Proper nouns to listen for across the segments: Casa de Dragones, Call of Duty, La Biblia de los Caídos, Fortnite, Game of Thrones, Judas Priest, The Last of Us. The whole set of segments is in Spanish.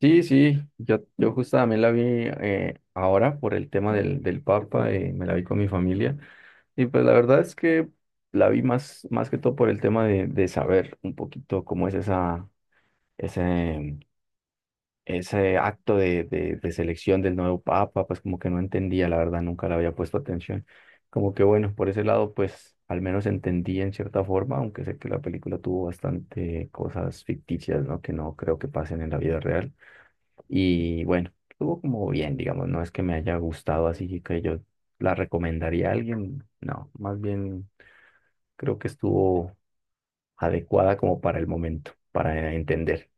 Sí, sí, yo justo también la vi, ahora por el tema del Papa. Me la vi con mi familia y pues la verdad es que la vi más, más que todo por el tema de saber un poquito cómo es ese, ese acto de selección del nuevo Papa, pues como que no entendía, la verdad, nunca le había puesto atención. Como que bueno, por ese lado pues al menos entendí en cierta forma, aunque sé que la película tuvo bastante cosas ficticias, ¿no? Que no creo que pasen en la vida real. Y bueno, estuvo como bien, digamos, no es que me haya gustado así que yo la recomendaría a alguien, no, más bien creo que estuvo adecuada como para el momento, para entender.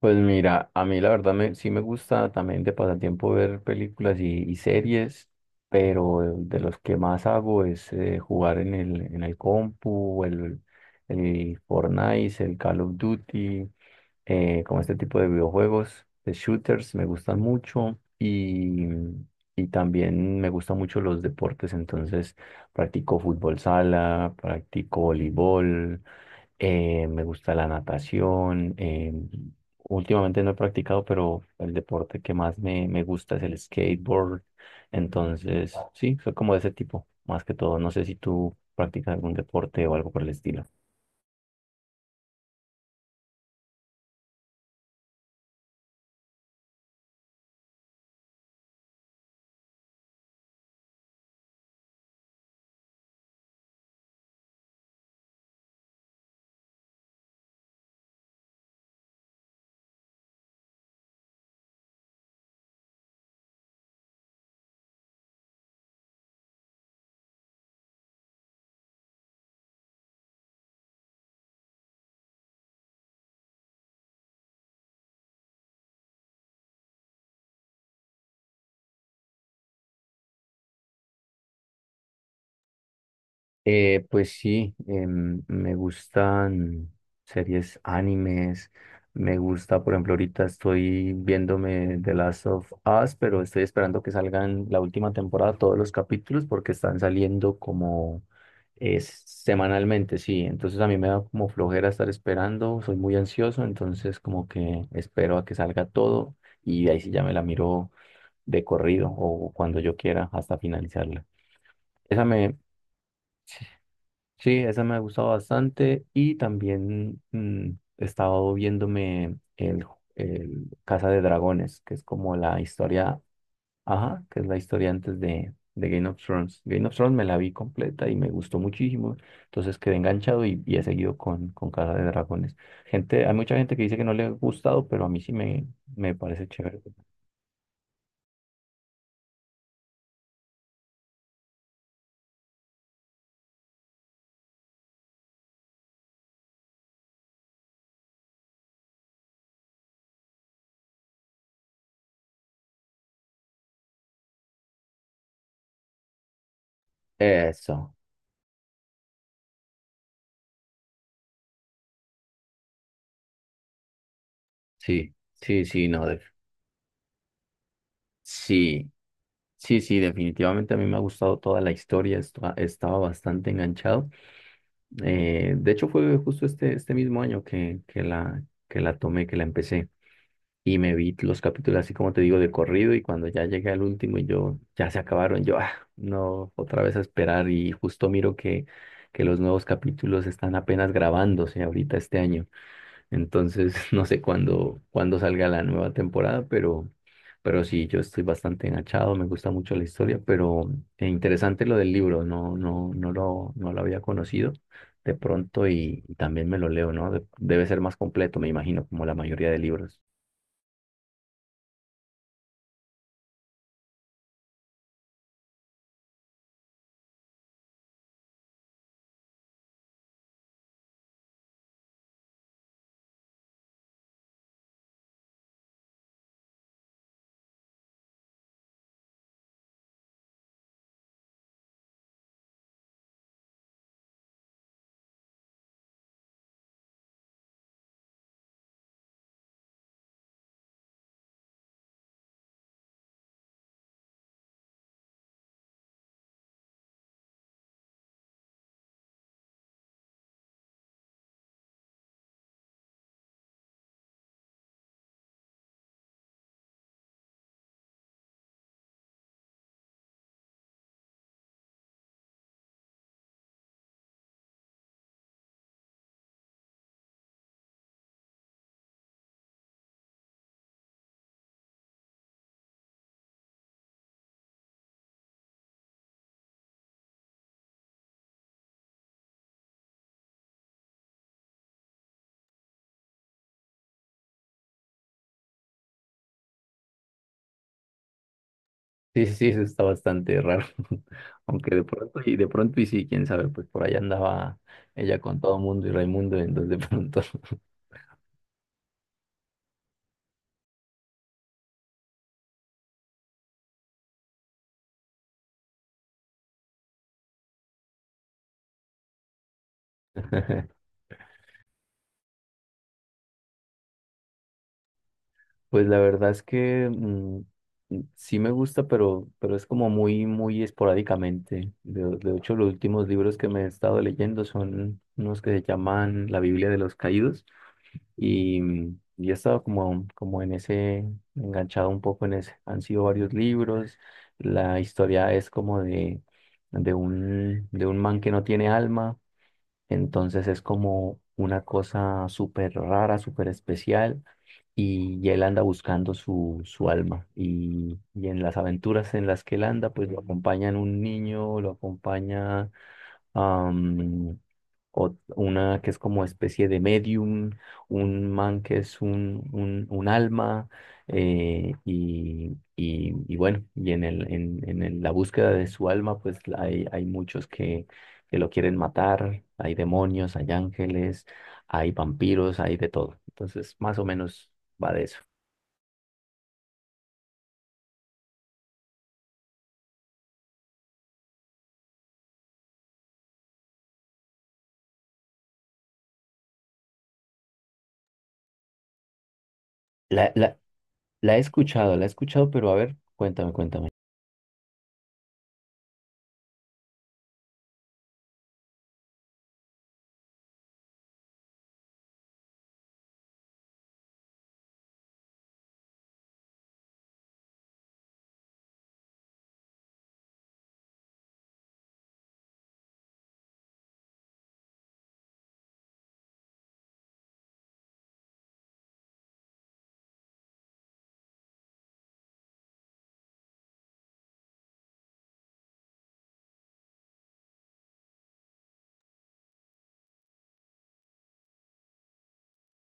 Pues mira, a mí la verdad me, sí me gusta también de pasatiempo ver películas y series, pero de los que más hago es jugar en el compu, el Fortnite, el Call of Duty. Como este tipo de videojuegos, de shooters, me gustan mucho y también me gustan mucho los deportes, entonces practico fútbol sala, practico voleibol, me gusta la natación. Últimamente no he practicado, pero el deporte que más me gusta es el skateboard, entonces sí, soy como de ese tipo, más que todo. No sé si tú practicas algún deporte o algo por el estilo. Pues sí, me gustan series animes, me gusta, por ejemplo, ahorita estoy viéndome The Last of Us, pero estoy esperando que salgan la última temporada, todos los capítulos, porque están saliendo como es semanalmente. Sí, entonces a mí me da como flojera estar esperando, soy muy ansioso, entonces como que espero a que salga todo y ahí sí ya me la miro de corrido o cuando yo quiera hasta finalizarla. Esa me... Sí, esa me ha gustado bastante y también he estado viéndome el, el Casa de Dragones, que es como la historia, ajá, que es la historia antes de Game of Thrones. Game of Thrones me la vi completa y me gustó muchísimo, entonces quedé enganchado y he seguido con Casa de Dragones. Gente, hay mucha gente que dice que no le ha gustado, pero a mí sí me parece chévere. Eso, sí, sí, sí, no, sí. Sí, sí, definitivamente a mí me ha gustado toda la historia, estaba bastante enganchado. De hecho, fue justo este mismo año que la tomé, que la empecé y me vi los capítulos así como te digo de corrido y cuando ya llegué al último y yo, ya se acabaron, yo, ah, no, otra vez a esperar y justo miro que los nuevos capítulos están apenas grabándose ahorita este año. Entonces, no sé cuándo, cuándo salga la nueva temporada, pero sí, yo estoy bastante enganchado, me gusta mucho la historia, pero interesante lo del libro. No, no lo había conocido de pronto y también me lo leo, ¿no? Debe ser más completo, me imagino, como la mayoría de libros. Sí, sí, sí, eso está bastante raro, aunque de pronto, y sí, quién sabe, pues por ahí andaba ella con todo mundo y Raimundo, entonces de pronto. Pues la verdad es que sí me gusta, pero es como muy, muy esporádicamente. De hecho, los últimos libros que me he estado leyendo son unos que se llaman La Biblia de los Caídos y y he estado como, como en ese, enganchado un poco en ese. Han sido varios libros. La historia es como de un man que no tiene alma, entonces es como una cosa súper rara, súper especial y él anda buscando su alma. Y en las aventuras en las que él anda, pues lo acompañan un niño, lo acompaña am, una que es como especie de medium, un man que es un alma, y bueno, en el- la búsqueda de su alma, pues la- hay muchos que lo quieren matar, hay demonios, hay ángeles, hay vampiros, hay de todo. Entonces, más o menos va de eso. La, la, la he escuchado, la he escuchado, pero a ver, cuéntame, cuéntame.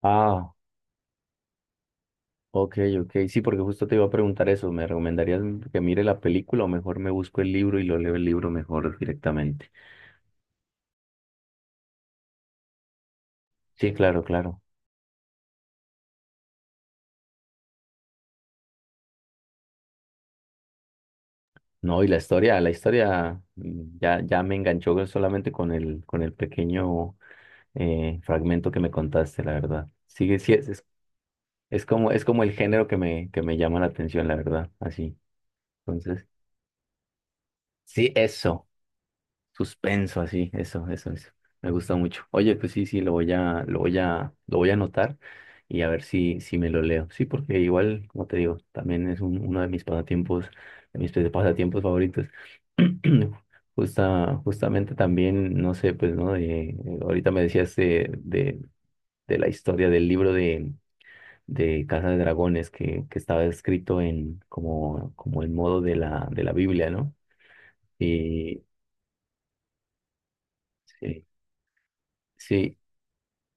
Ah. Ok, ok, sí, porque justo te iba a preguntar eso. ¿Me recomendarías que mire la película o mejor me busco el libro y lo leo el libro mejor directamente? Sí, claro, claro. No, y la historia ya, ya me enganchó solamente con el pequeño fragmento que me contaste, la verdad. Sigue, sí, es como el género que me llama la atención, la verdad, así. Entonces, sí, eso. Suspenso, así, eso, eso, eso. Me gusta mucho. Oye, pues sí, sí, lo voy a anotar y a ver si, si me lo leo. Sí, porque igual, como te digo, también es uno de mis pasatiempos favoritos. Justamente también, no sé, pues, ¿no? De, ahorita me decías de la historia del libro de Casa de Dragones que estaba escrito en como, como el modo de de la Biblia, ¿no? Y sí. Sí,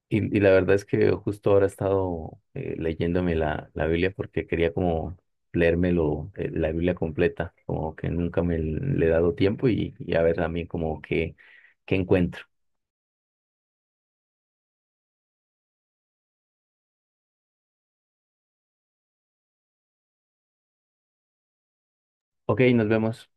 Y la verdad es que justo ahora he estado leyéndome la Biblia porque quería como leérmelo, la Biblia completa, como que nunca me le he dado tiempo y a ver también como que, qué encuentro. Ok, nos vemos.